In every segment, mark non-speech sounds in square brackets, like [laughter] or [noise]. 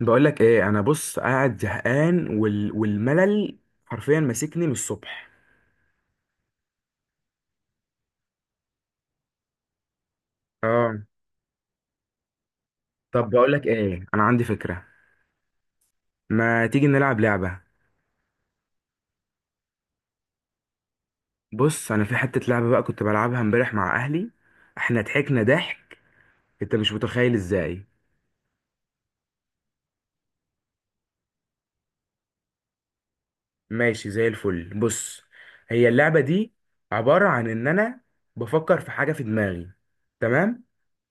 بقول لك ايه. انا بص قاعد زهقان والملل حرفيا ماسكني من الصبح. اه. طب بقول لك ايه، انا عندي فكرة، ما تيجي نلعب لعبة. بص انا في حتة لعبة بقى كنت بلعبها امبارح مع اهلي، احنا ضحكنا ضحك انت مش متخيل ازاي. ماشي زي الفل. بص، هي اللعبة دي عبارة عن إن أنا بفكر في حاجة في دماغي، تمام،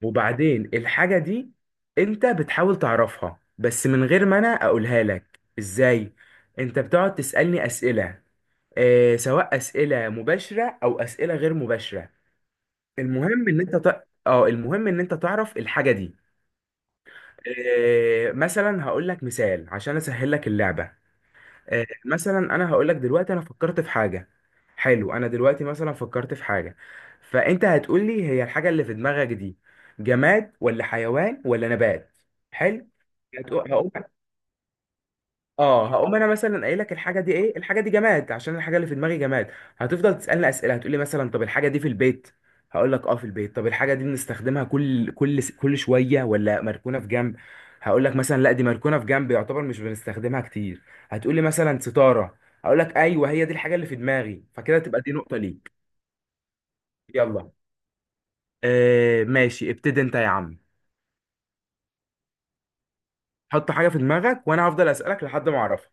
وبعدين الحاجة دي أنت بتحاول تعرفها بس من غير ما أنا أقولها لك. إزاي؟ أنت بتقعد تسألني أسئلة، آه سواء أسئلة مباشرة أو أسئلة غير مباشرة. المهم إن أنت ت... آه المهم إن أنت تعرف الحاجة دي. آه مثلا هقول لك مثال عشان أسهل لك اللعبة. آه، مثلا انا هقول لك دلوقتي انا فكرت في حاجه. حلو، انا دلوقتي مثلا فكرت في حاجه، فانت هتقول لي هي الحاجه اللي في دماغك دي جماد ولا حيوان ولا نبات. حلو، هتقول اه، هقوم انا مثلا قايل لك الحاجه دي ايه، الحاجه دي جماد عشان الحاجه اللي في دماغي جماد. هتفضل تسالني اسئله، هتقول لي مثلا طب الحاجه دي في البيت؟ هقول لك اه في البيت. طب الحاجه دي بنستخدمها كل شويه ولا مركونه في جنب؟ هقول لك مثلا لا دي مركونه في جنب يعتبر مش بنستخدمها كتير. هتقول لي مثلا ستاره، هقول لك ايوه هي دي الحاجه اللي في دماغي، فكده تبقى دي نقطه ليك. يلا. آه ماشي، ابتدي انت يا عم. حط حاجه في دماغك وانا هفضل اسالك لحد ما اعرفها.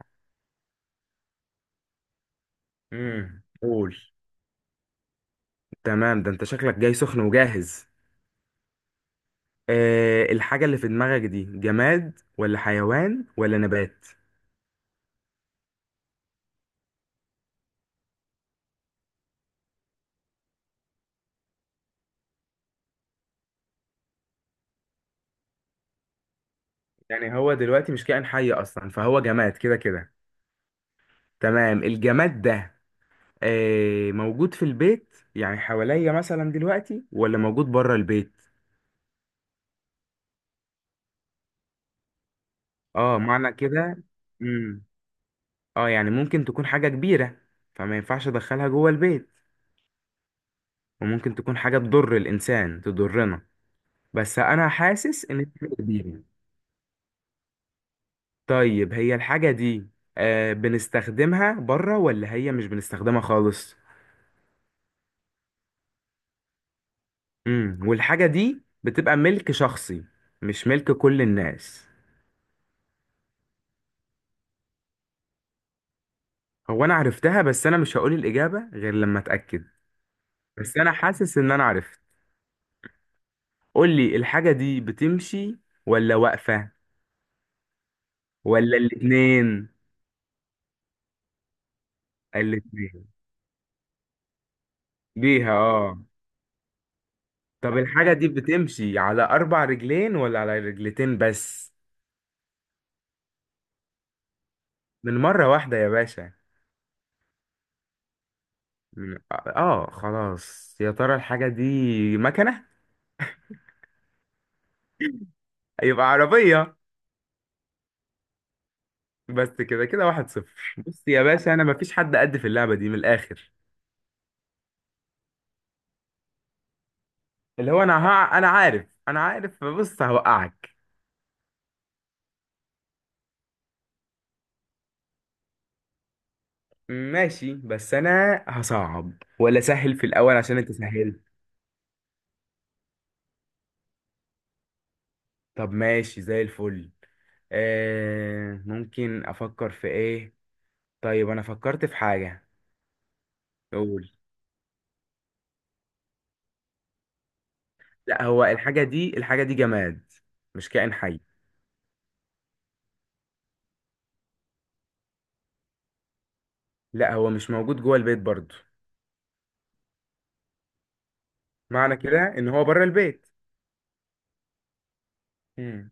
قول. تمام، ده انت شكلك جاي سخن وجاهز. أه، الحاجة اللي في دماغك دي جماد ولا حيوان ولا نبات؟ يعني هو دلوقتي مش كائن حي أصلا فهو جماد كده كده. تمام. الجماد ده أه موجود في البيت يعني حواليا مثلا دلوقتي، ولا موجود بره البيت؟ اه، معنى كده. امم، اه يعني ممكن تكون حاجة كبيرة فما ينفعش أدخلها جوه البيت، وممكن تكون حاجة تضر الإنسان تضرنا، بس أنا حاسس إن هي كبيرة. طيب، هي الحاجة دي آه بنستخدمها بره ولا هي مش بنستخدمها خالص؟ امم، والحاجة دي بتبقى ملك شخصي مش ملك كل الناس؟ هو انا عرفتها بس انا مش هقول الإجابة غير لما اتأكد. بس انا حاسس ان انا عرفت. قول لي، الحاجة دي بتمشي ولا واقفة ولا الاتنين؟ الاتنين؟ ليها اه. طب الحاجة دي بتمشي على أربع رجلين ولا على رجلتين بس؟ من مرة واحدة يا باشا. خلاص، يا ترى الحاجة دي مكنة؟ يبقى عربية. بس كده كده واحد صفر. بص يا باشا انا مفيش حد قد في اللعبة دي من الاخر. اللي هو انا ها انا عارف، بص هوقعك. ماشي بس انا هصعب ولا سهل في الاول عشان انت سهلت؟ طب ماشي زي الفل. آه ممكن افكر في ايه. طيب انا فكرت في حاجة. قول. لا هو الحاجة دي الحاجة دي جماد، مش كائن حي. لا هو مش موجود جوه البيت برضه. معنى كده ان هو بره البيت. امم.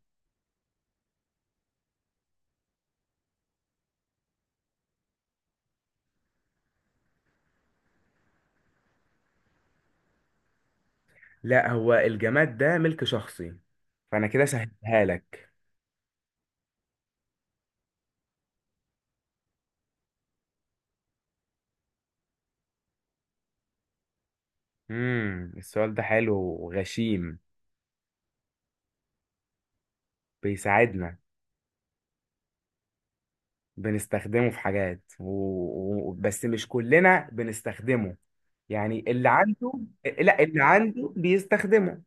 لا هو الجماد ده ملك شخصي، فانا كده سهلها لك. امم، السؤال ده حلو وغشيم. بيساعدنا، بنستخدمه في حاجات بس مش كلنا بنستخدمه، يعني اللي عنده. لا اللي عنده بيستخدمه،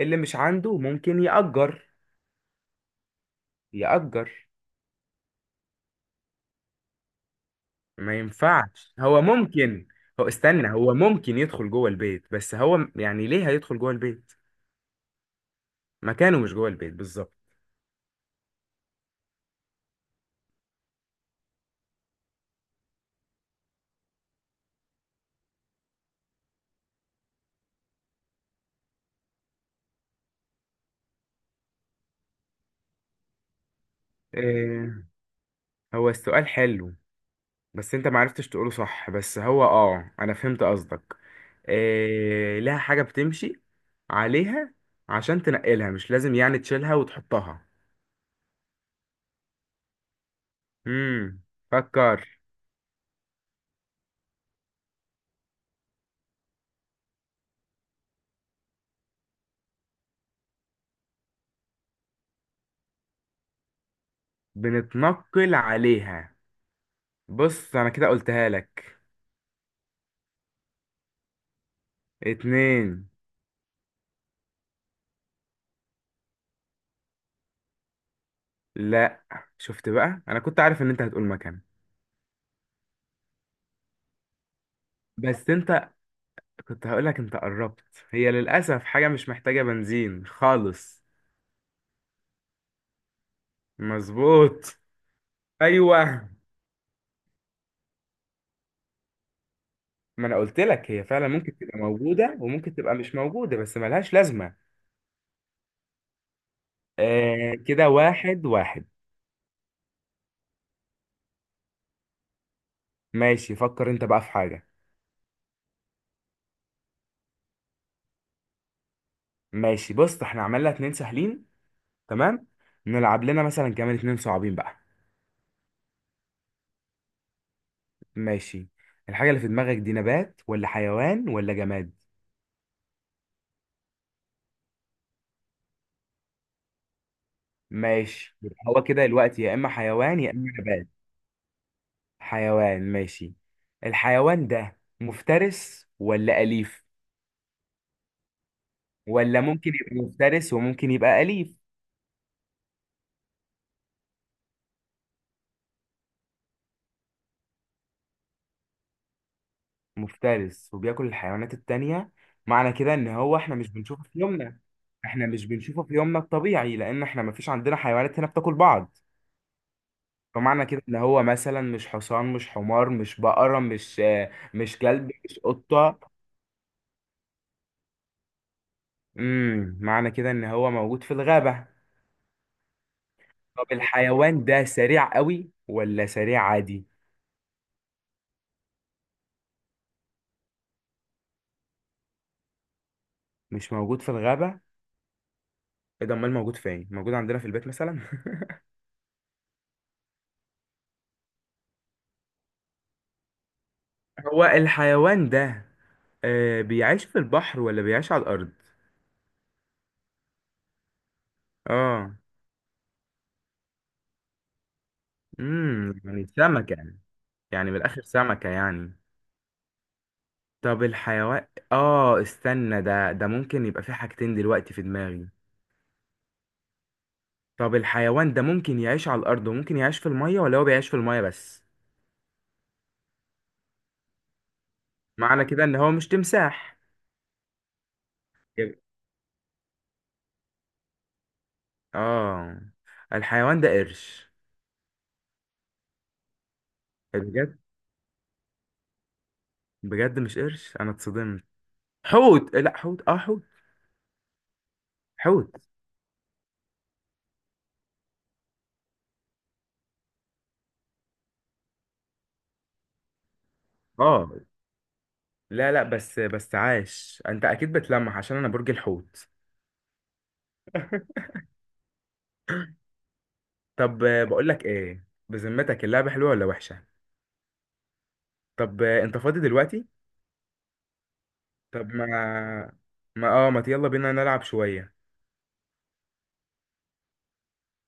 اللي مش عنده ممكن يأجر. يأجر. ما ينفعش. هو ممكن، هو استنى، هو ممكن يدخل جوه البيت بس هو يعني ليه هيدخل جوه البيت. مكانه مش جوه البيت بالظبط. إيه. هو السؤال حلو بس انت معرفتش تقوله صح، بس هو اه انا فهمت قصدك. إيه، لها حاجة بتمشي عليها عشان تنقلها مش لازم يعني تشيلها وتحطها. امم. فكر. بنتنقل عليها. بص انا كده قلتها لك. اتنين. لا. شفت بقى انا كنت عارف ان انت هتقول مكان. بس انت كنت هقولك انت قربت، هي للأسف حاجة مش محتاجة بنزين خالص. مظبوط. ايوه. ما انا قلت لك هي فعلا ممكن تبقى موجودة وممكن تبقى مش موجودة بس ملهاش لازمة. آه كده واحد واحد. ماشي، فكر انت بقى في حاجة. ماشي بص احنا عملنا اتنين سهلين، تمام، نلعب لنا مثلا كمان اتنين صعبين بقى. ماشي. الحاجة اللي في دماغك دي نبات ولا حيوان ولا جماد؟ ماشي يبقى هو كده الوقت يا اما حيوان يا اما نبات. حيوان، ماشي. الحيوان ده مفترس ولا أليف ولا ممكن يبقى مفترس وممكن يبقى أليف؟ مفترس وبياكل الحيوانات التانية، معنى كده ان هو احنا مش بنشوفه في يومنا. احنا مش بنشوفه في يومنا الطبيعي لان احنا مفيش عندنا حيوانات هنا بتاكل بعض. فمعنى كده ان هو مثلا مش حصان مش حمار مش بقرة مش آه، مش كلب مش قطة. امم، معنى كده ان هو موجود في الغابة. طب الحيوان ده سريع قوي ولا سريع عادي؟ مش موجود في الغابة؟ ايه ده؟ امال موجود فين، موجود عندنا في البيت مثلا؟ [laughs] هو الحيوان ده آه بيعيش في البحر ولا بيعيش على الأرض؟ اه. امم، يعني سمكة يعني. يعني من الآخر سمكة يعني. طب الحيوان اه استنى، ده ده ممكن يبقى في حاجتين دلوقتي في دماغي. طب الحيوان ده ممكن يعيش على الأرض وممكن يعيش في المية ولا هو بيعيش في المية بس؟ معنى كده ان هو مش تمساح. يب- اه، الحيوان ده قرش؟ بجد؟ بجد مش قرش؟ انا اتصدمت. حوت، لا حوت، اه حوت. حوت. اه لا لا بس بس عاش، انت اكيد بتلمح عشان انا برج الحوت. طب آه، بقول لك ايه، بذمتك اللعبة حلوة ولا وحشة؟ طب آه، انت فاضي دلوقتي؟ طب ما، ما يلا بينا نلعب شوية.